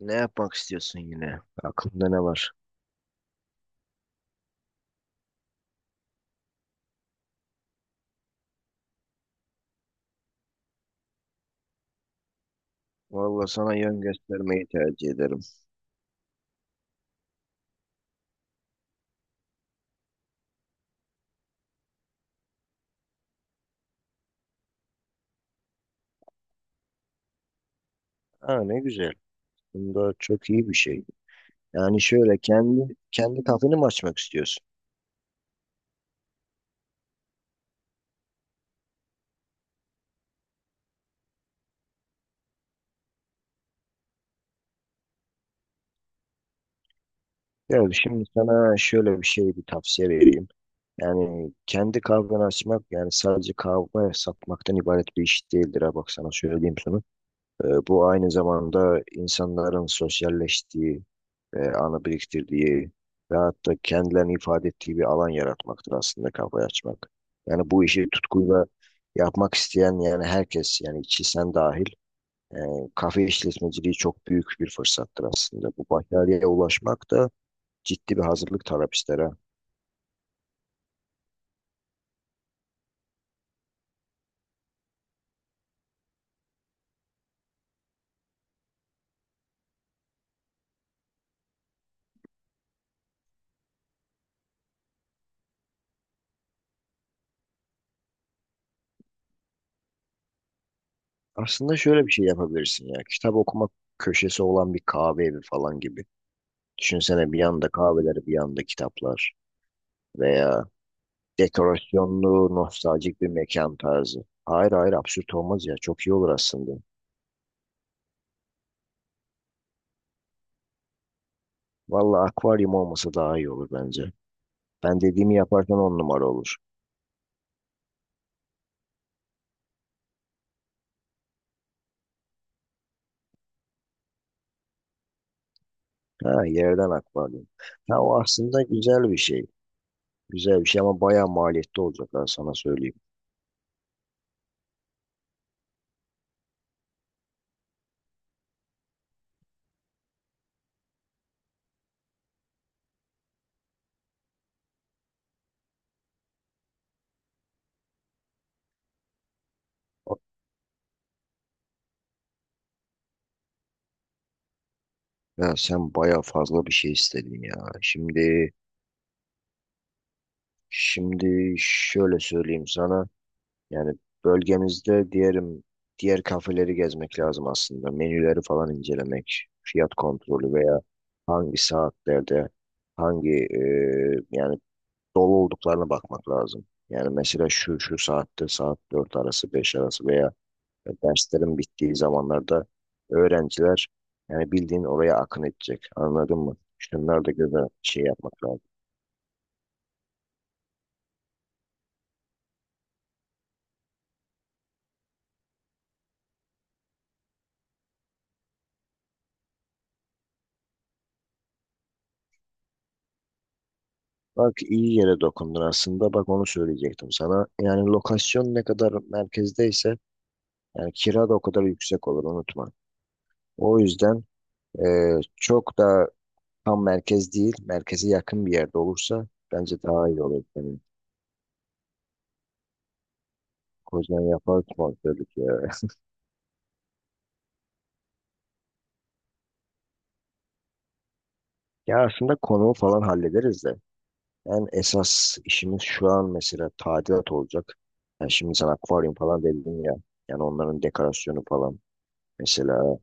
Ne yapmak istiyorsun yine? Aklında ne var? Vallahi sana yön göstermeyi tercih ederim. Aa ne güzel. Bunda çok iyi bir şey. Yani şöyle kendi kafeni mi açmak istiyorsun? Gel şimdi sana şöyle bir şey bir tavsiye vereyim. Yani kendi kahveni açmak yani sadece kahve satmaktan ibaret bir iş değildir ha bak sana söyleyeyim sana. Bu aynı zamanda insanların sosyalleştiği, anı biriktirdiği ve hatta kendilerini ifade ettiği bir alan yaratmaktır aslında kafayı açmak. Yani bu işi tutkuyla yapmak isteyen yani herkes yani içi sen dahil e, kafe işletmeciliği çok büyük bir fırsattır aslında. Bu başarıya ulaşmak da ciddi bir hazırlık talep ister ha. Aslında şöyle bir şey yapabilirsin ya. Kitap okuma köşesi olan bir kahve evi falan gibi. Düşünsene bir yanda kahveler, bir yanda kitaplar veya dekorasyonlu, nostaljik bir mekan tarzı. Hayır hayır absürt olmaz ya. Çok iyi olur aslında. Vallahi akvaryum olması daha iyi olur bence. Ben dediğimi yaparsan on numara olur. Ha yerden akvaryum. Ha o aslında güzel bir şey. Güzel bir şey ama bayağı maliyetli olacak ben sana söyleyeyim. Ya sen bayağı fazla bir şey istedin ya. Şimdi şöyle söyleyeyim sana. Yani bölgemizde diyelim diğer kafeleri gezmek lazım aslında. Menüleri falan incelemek, fiyat kontrolü veya hangi saatlerde hangi yani dolu olduklarına bakmak lazım. Yani mesela şu saatte saat 4 arası 5 arası veya derslerin bittiği zamanlarda öğrenciler yani bildiğin oraya akın edecek. Anladın mı? Şunlar da göze şey yapmak lazım. Bak iyi yere dokundun aslında. Bak onu söyleyecektim sana. Yani lokasyon ne kadar merkezdeyse yani kira da o kadar yüksek olur unutma. O yüzden çok da tam merkez değil, merkeze yakın bir yerde olursa bence daha iyi olur. Yani Kozan yapar dedik ya. Ya aslında konuğu falan hallederiz de. Yani esas işimiz şu an mesela tadilat olacak. Yani şimdi sana akvaryum falan dedim ya. Yani onların dekorasyonu falan. Mesela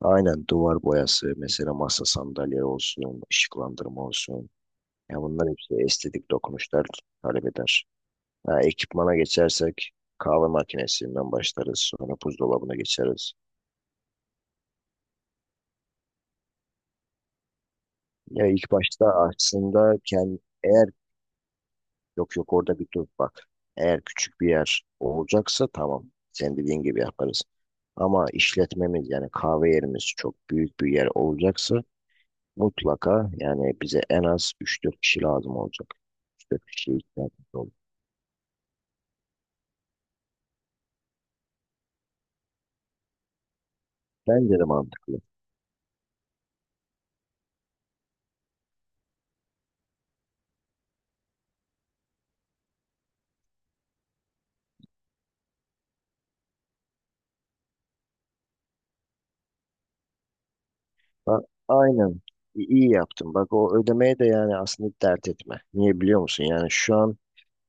aynen duvar boyası mesela masa sandalye olsun, ışıklandırma olsun. Ya bunlar hepsi estetik dokunuşlar talep eder. Ha, ekipmana geçersek kahve makinesinden başlarız. Sonra buzdolabına geçeriz. Ya ilk başta aslında eğer yok yok orada bir dur bak. Eğer küçük bir yer olacaksa tamam. Sen dediğin gibi yaparız. Ama işletmemiz yani kahve yerimiz çok büyük bir yer olacaksa mutlaka yani bize en az üç dört kişi lazım olacak. Böyle bir şey ihtiyacımız oldu. Bence de mantıklı. Ha, aynen. İyi yaptın. Bak o ödemeye de yani aslında dert etme. Niye biliyor musun? Yani şu an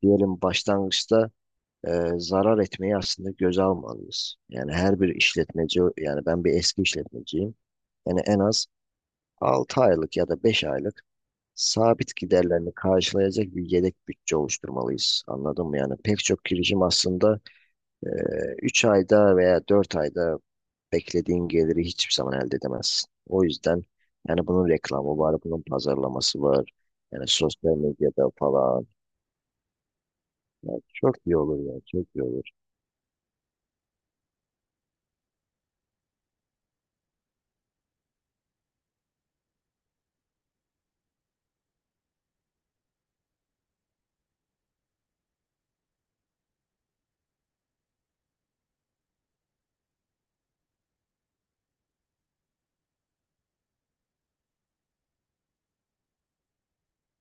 diyelim başlangıçta e, zarar etmeyi aslında göze almalıyız. Yani her bir işletmeci, yani ben bir eski işletmeciyim. Yani en az 6 aylık ya da 5 aylık sabit giderlerini karşılayacak bir yedek bütçe oluşturmalıyız. Anladın mı? Yani pek çok girişim aslında 3 ayda veya 4 ayda beklediğin geliri hiçbir zaman elde edemezsin. O yüzden yani bunun reklamı var, bunun pazarlaması var. Yani sosyal medyada falan. Ya çok iyi olur ya, çok iyi olur.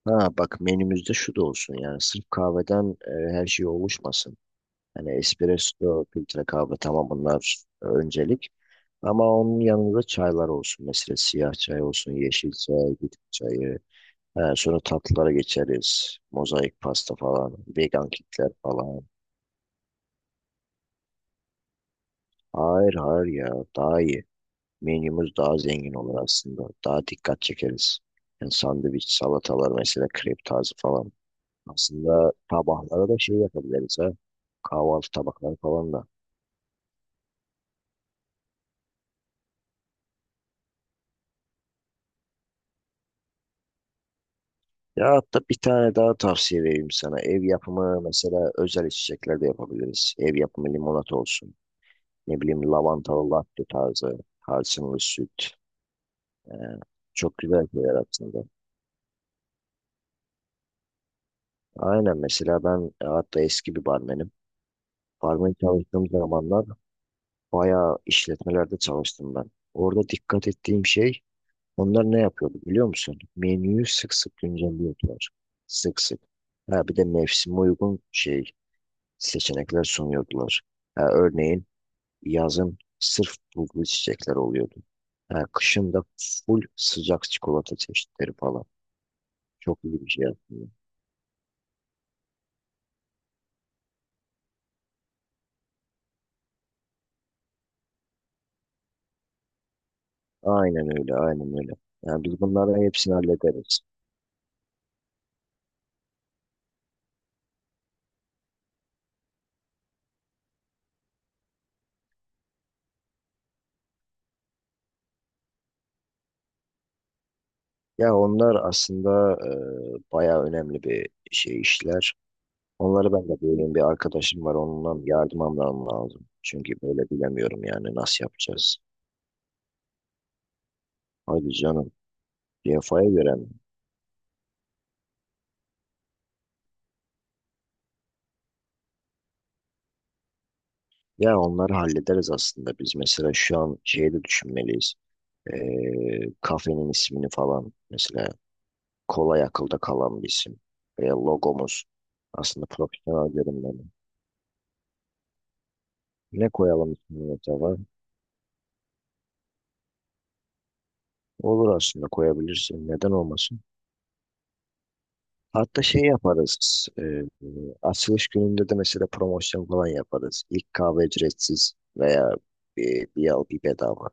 Ha bak menümüzde şu da olsun yani sırf kahveden her şey oluşmasın. Hani espresso, filtre kahve tamam bunlar öncelik. Ama onun yanında çaylar olsun. Mesela siyah çay olsun, yeşil çay, bitki çayı. He, sonra tatlılara geçeriz. Mozaik pasta falan. Vegan kitler falan. Hayır hayır ya. Daha iyi. Menümüz daha zengin olur aslında. Daha dikkat çekeriz. Yani sandviç, salatalar mesela krep tarzı falan. Aslında tabaklara da şey yapabiliriz ha. Kahvaltı tabakları falan da. Ya hatta bir tane daha tavsiye vereyim sana. Ev yapımı mesela özel içecekler de yapabiliriz. Ev yapımı limonata olsun. Ne bileyim lavantalı latte tarzı. Tarçınlı süt. Ee, Çok güzel şeyler aslında. Aynen mesela ben hatta eski bir barmenim. Barmen çalıştığım zamanlar bayağı işletmelerde çalıştım ben. Orada dikkat ettiğim şey onlar ne yapıyordu biliyor musun? Menüyü sık sık güncelliyordular. Sık sık. Ha, bir de mevsime uygun seçenekler sunuyordular. Ha, örneğin yazın sırf bulgur çiçekler oluyordu. Ha, kışın da full sıcak çikolata çeşitleri falan. Çok iyi bir şey aslında. Aynen öyle, aynen öyle. Yani biz bunların hepsini hallederiz. Ya onlar aslında bayağı önemli bir şey işler. Onları ben de böyle bir arkadaşım var, onunla bir yardım almam lazım. Çünkü böyle bilemiyorum yani nasıl yapacağız. Hadi canım, DFA'ya göre mi? Ya onları hallederiz aslında. Biz mesela şu an şeyi de düşünmeliyiz. E, kafenin ismini falan mesela kolay akılda kalan bir isim. Veya logomuz aslında profesyonel görünmeli. Ne koyalım üstüne acaba? Olur aslında koyabilirsin. Neden olmasın? Hatta şey yaparız. Açılış gününde de mesela promosyon falan yaparız. İlk kahve ücretsiz veya bir al bir bedava.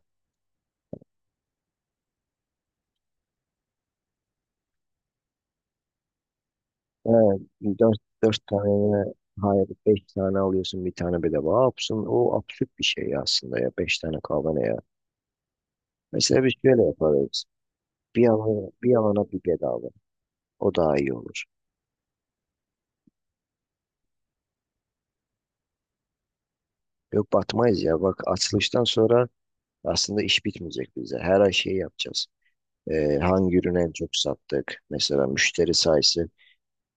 Evet, dört, dört tane hayır beş tane alıyorsun bir tane bedava. Absın, o absürt bir şey aslında ya. Beş tane kahve ne ya? Mesela biz şöyle yaparız. Bir alana bir, alana bir bedava. O daha iyi olur. Yok batmayız ya. Bak açılıştan sonra aslında iş bitmeyecek bize. Her ay şey yapacağız. Hangi ürünü en çok sattık? Mesela müşteri sayısı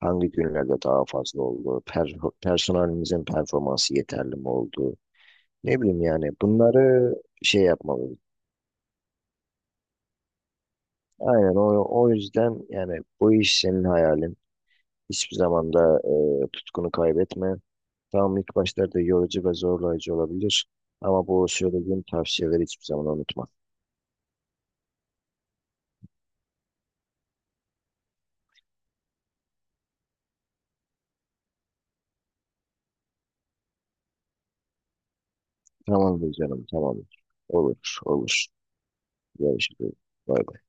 hangi günlerde daha fazla oldu? Personelimizin performansı yeterli mi oldu? Ne bileyim yani bunları şey yapmalıyız. Aynen o yüzden yani bu iş senin hayalin. Hiçbir zaman da tutkunu kaybetme. Tamam ilk başlarda yorucu ve zorlayıcı olabilir. Ama bu söylediğim tavsiyeleri hiçbir zaman unutma. Tamamdır canım, tamamdır. Olur, olur. Görüşürüz. Bay bay.